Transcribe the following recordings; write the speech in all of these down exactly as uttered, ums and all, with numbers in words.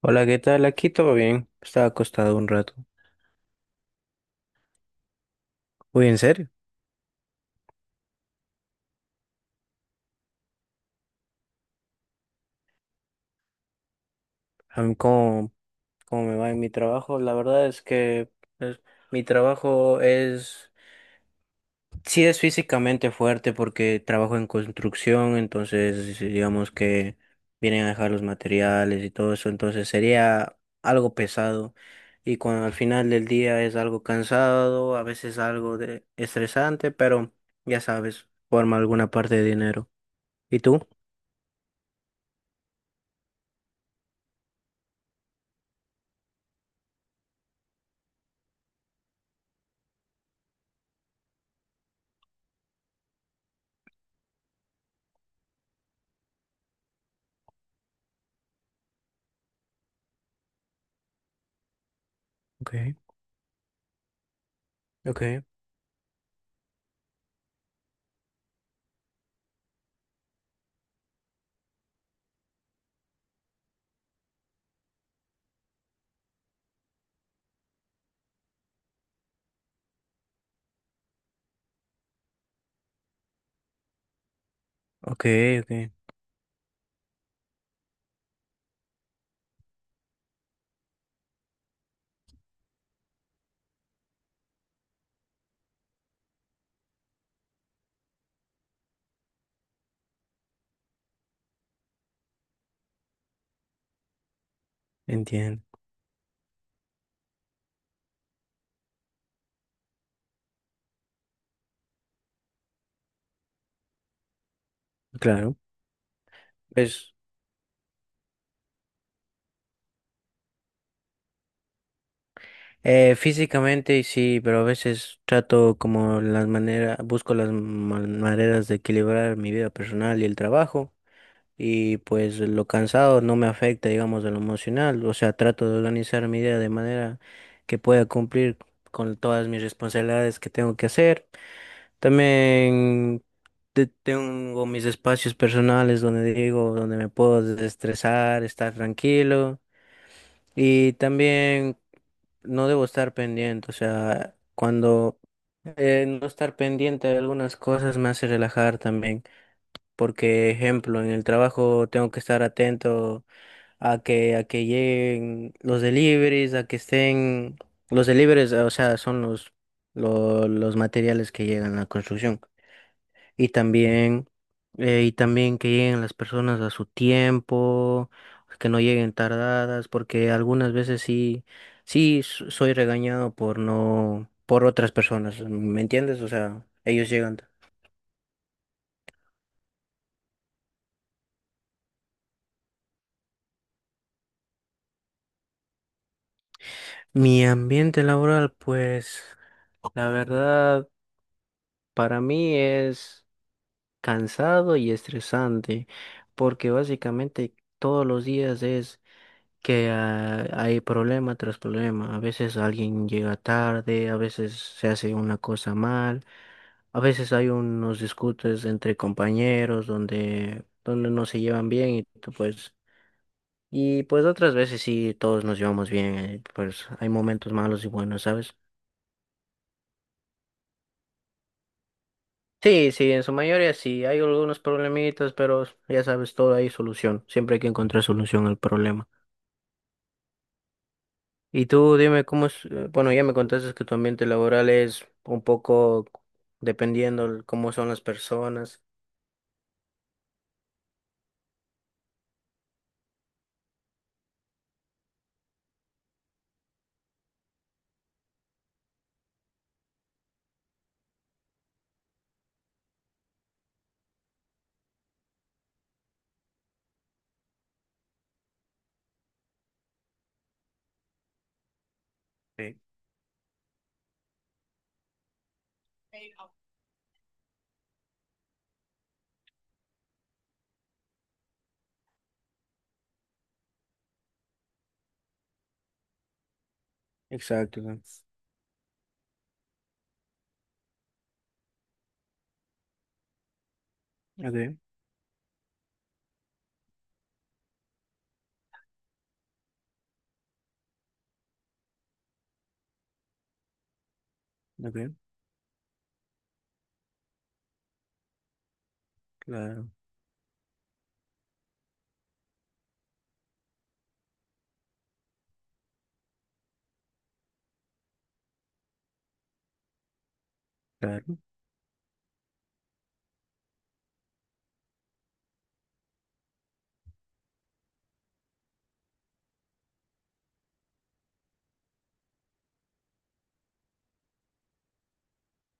Hola, ¿qué tal? Aquí todo bien. Estaba acostado un rato. Uy, ¿en serio? A mí, ¿cómo, cómo me va en mi trabajo? La verdad es que pues, mi trabajo es, sí es físicamente fuerte porque trabajo en construcción, entonces digamos que vienen a dejar los materiales y todo eso, entonces sería algo pesado. Y cuando al final del día es algo cansado, a veces algo de estresante, pero ya sabes, forma alguna parte de dinero. ¿Y tú? Ok, ok. Ok, ok, entiendo, claro. Pues eh, físicamente sí, pero a veces trato como las maneras, busco las ma- maneras de equilibrar mi vida personal y el trabajo, y pues lo cansado no me afecta, digamos, de lo emocional, o sea, trato de organizar mi vida de manera que pueda cumplir con todas mis responsabilidades que tengo que hacer. También te- tengo mis espacios personales donde digo, donde me puedo desestresar, estar tranquilo. Y también no debo estar pendiente, o sea, cuando eh, no estar pendiente de algunas cosas me hace relajar también, porque ejemplo, en el trabajo tengo que estar atento a que a que lleguen los deliveries, a que estén los deliveries, o sea, son los lo- los materiales que llegan a la construcción. Y también, eh, y también que lleguen las personas a su tiempo, que no lleguen tardadas, porque algunas veces sí, sí s- soy regañado por no, por otras personas, ¿me entiendes? O sea, ellos llegan. Mi ambiente laboral, pues, la verdad, para mí es cansado y estresante, porque básicamente todos los días es que ah, hay problema tras problema. A veces alguien llega tarde, a veces se hace una cosa mal, a veces hay unos discutes entre compañeros donde, donde no se llevan bien y tú, pues, y pues otras veces sí todos nos llevamos bien, eh, pues hay momentos malos y buenos, ¿sabes? Sí, sí, en su mayoría sí, hay algunos problemitas, pero ya sabes, todo hay solución, siempre hay que encontrar solución al problema. Y tú dime cómo es, eh, bueno, ya me contaste que tu ambiente laboral es un poco dependiendo el- cómo son las personas. Sí. Exacto. ¿No? Okay. Ok, claro, claro,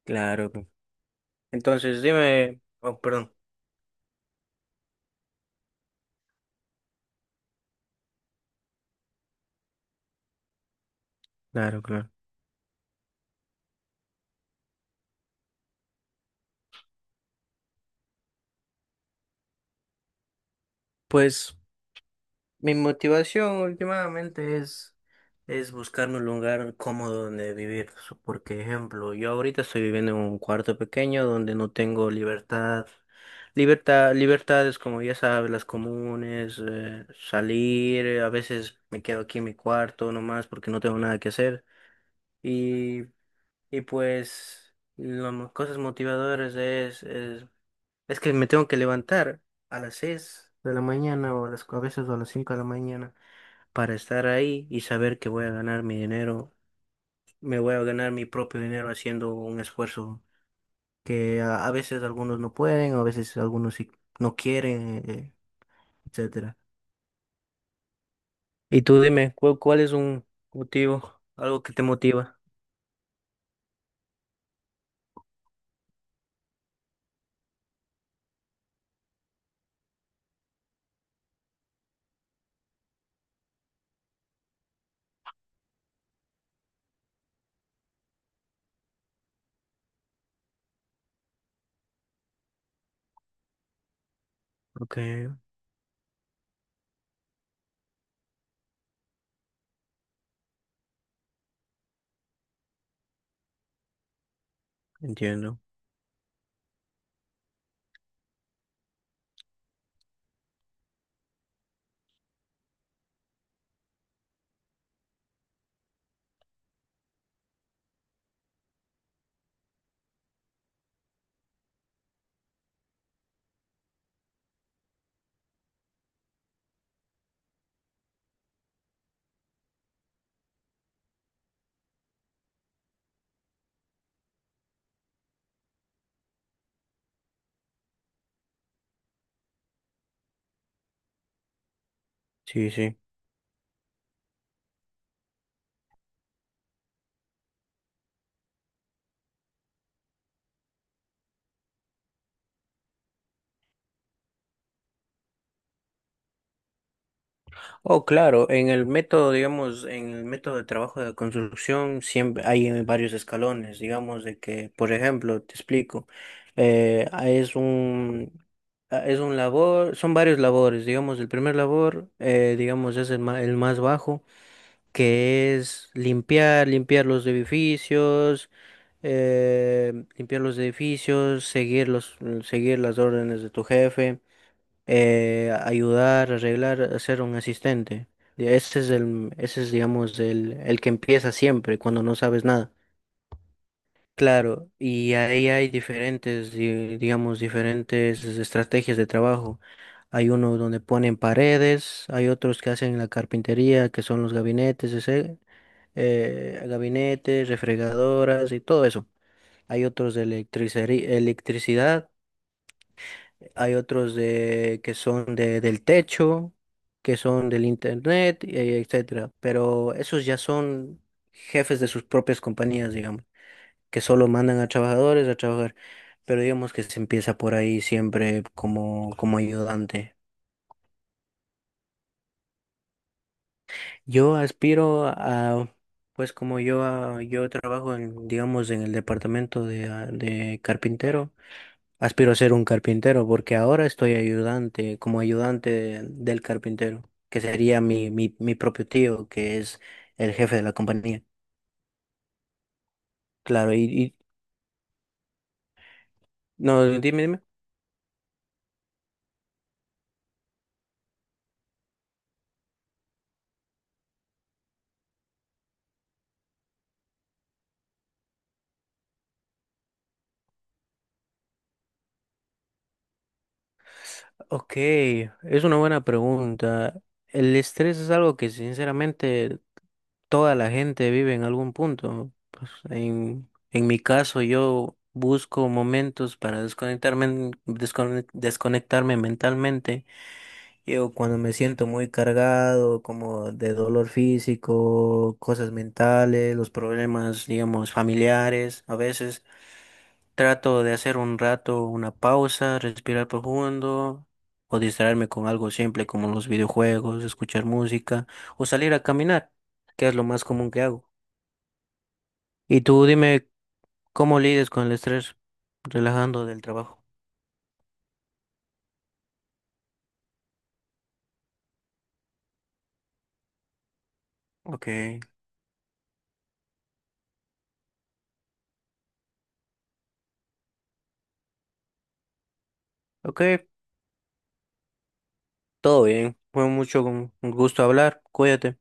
claro. Pues. Entonces, dime, oh, perdón. Claro, claro. Pues mi motivación últimamente es, es buscarme un lugar cómodo donde vivir. So, por ejemplo, yo ahorita estoy viviendo en un cuarto pequeño donde no tengo libertad. Libertad, libertades como ya sabes, las comunes, eh, salir, eh, a veces me quedo aquí en mi cuarto nomás porque no tengo nada que hacer. Y, y pues las cosas motivadoras es, es, es que me tengo que levantar a las seis de la mañana o a las, a veces a las cinco de la mañana para estar ahí y saber que voy a ganar mi dinero, me voy a ganar mi propio dinero haciendo un esfuerzo que a, a veces algunos no pueden, a veces algunos sí no quieren, eh, etcétera. Y tú dime, ¿cuál, cuál es un motivo, algo que te motiva? Ok, entiendo. Sí, sí. Oh, claro, en el método, digamos, en el método de trabajo de construcción siempre hay eh, varios escalones, digamos, de que, por ejemplo, te explico, eh, ah, es un, ah, es un labor, son varios labores, digamos, el primer labor, eh, digamos, es el ma- el más bajo, que es limpiar, limpiar los edificios, eh, limpiar los edificios, seguir los, seguir las órdenes de tu jefe, eh, ayudar, arreglar, hacer un asistente. Y ese es el, ese es, digamos, el, el que empieza siempre cuando no sabes nada. Claro, y ahí hay diferentes, di- digamos, diferentes estrategias de trabajo. Hay uno donde ponen paredes, hay otros que hacen la carpintería, que son los gabinetes, ese, eh, gabinetes, refrigeradoras y todo eso. Hay otros de electricería- electricidad. Hay otros de, que son de, del techo, que son del internet, e- etcétera. Pero esos ya son jefes de sus propias compañías, digamos, que solo mandan a trabajadores a trabajar. Pero digamos que se empieza por ahí siempre como, como ayudante. Yo aspiro a, pues como yo, a- yo trabajo en, digamos, en el departamento de, ah, de carpintero. Aspiro a ser un carpintero porque ahora estoy ayudante, como ayudante de- del carpintero, que sería mi, mi, mi propio tío, que es el jefe de la compañía. Claro, y, y- no, dime, dime. Ok, es una buena pregunta. El estrés es algo que sinceramente toda la gente vive en algún punto. Pues, en, en mi caso, yo busco momentos para desconectarme, descone- desconectarme mentalmente. Yo cuando me siento muy cargado, como de dolor físico, cosas mentales, los problemas, digamos, familiares, a veces trato de hacer un rato una pausa, respirar profundo o distraerme con algo simple como los videojuegos, escuchar música o salir a caminar, que es lo más común que hago. Y tú dime cómo lides con el estrés relajando del trabajo. Ok, ok, todo bien. Fue mucho un un gusto hablar. Cuídate.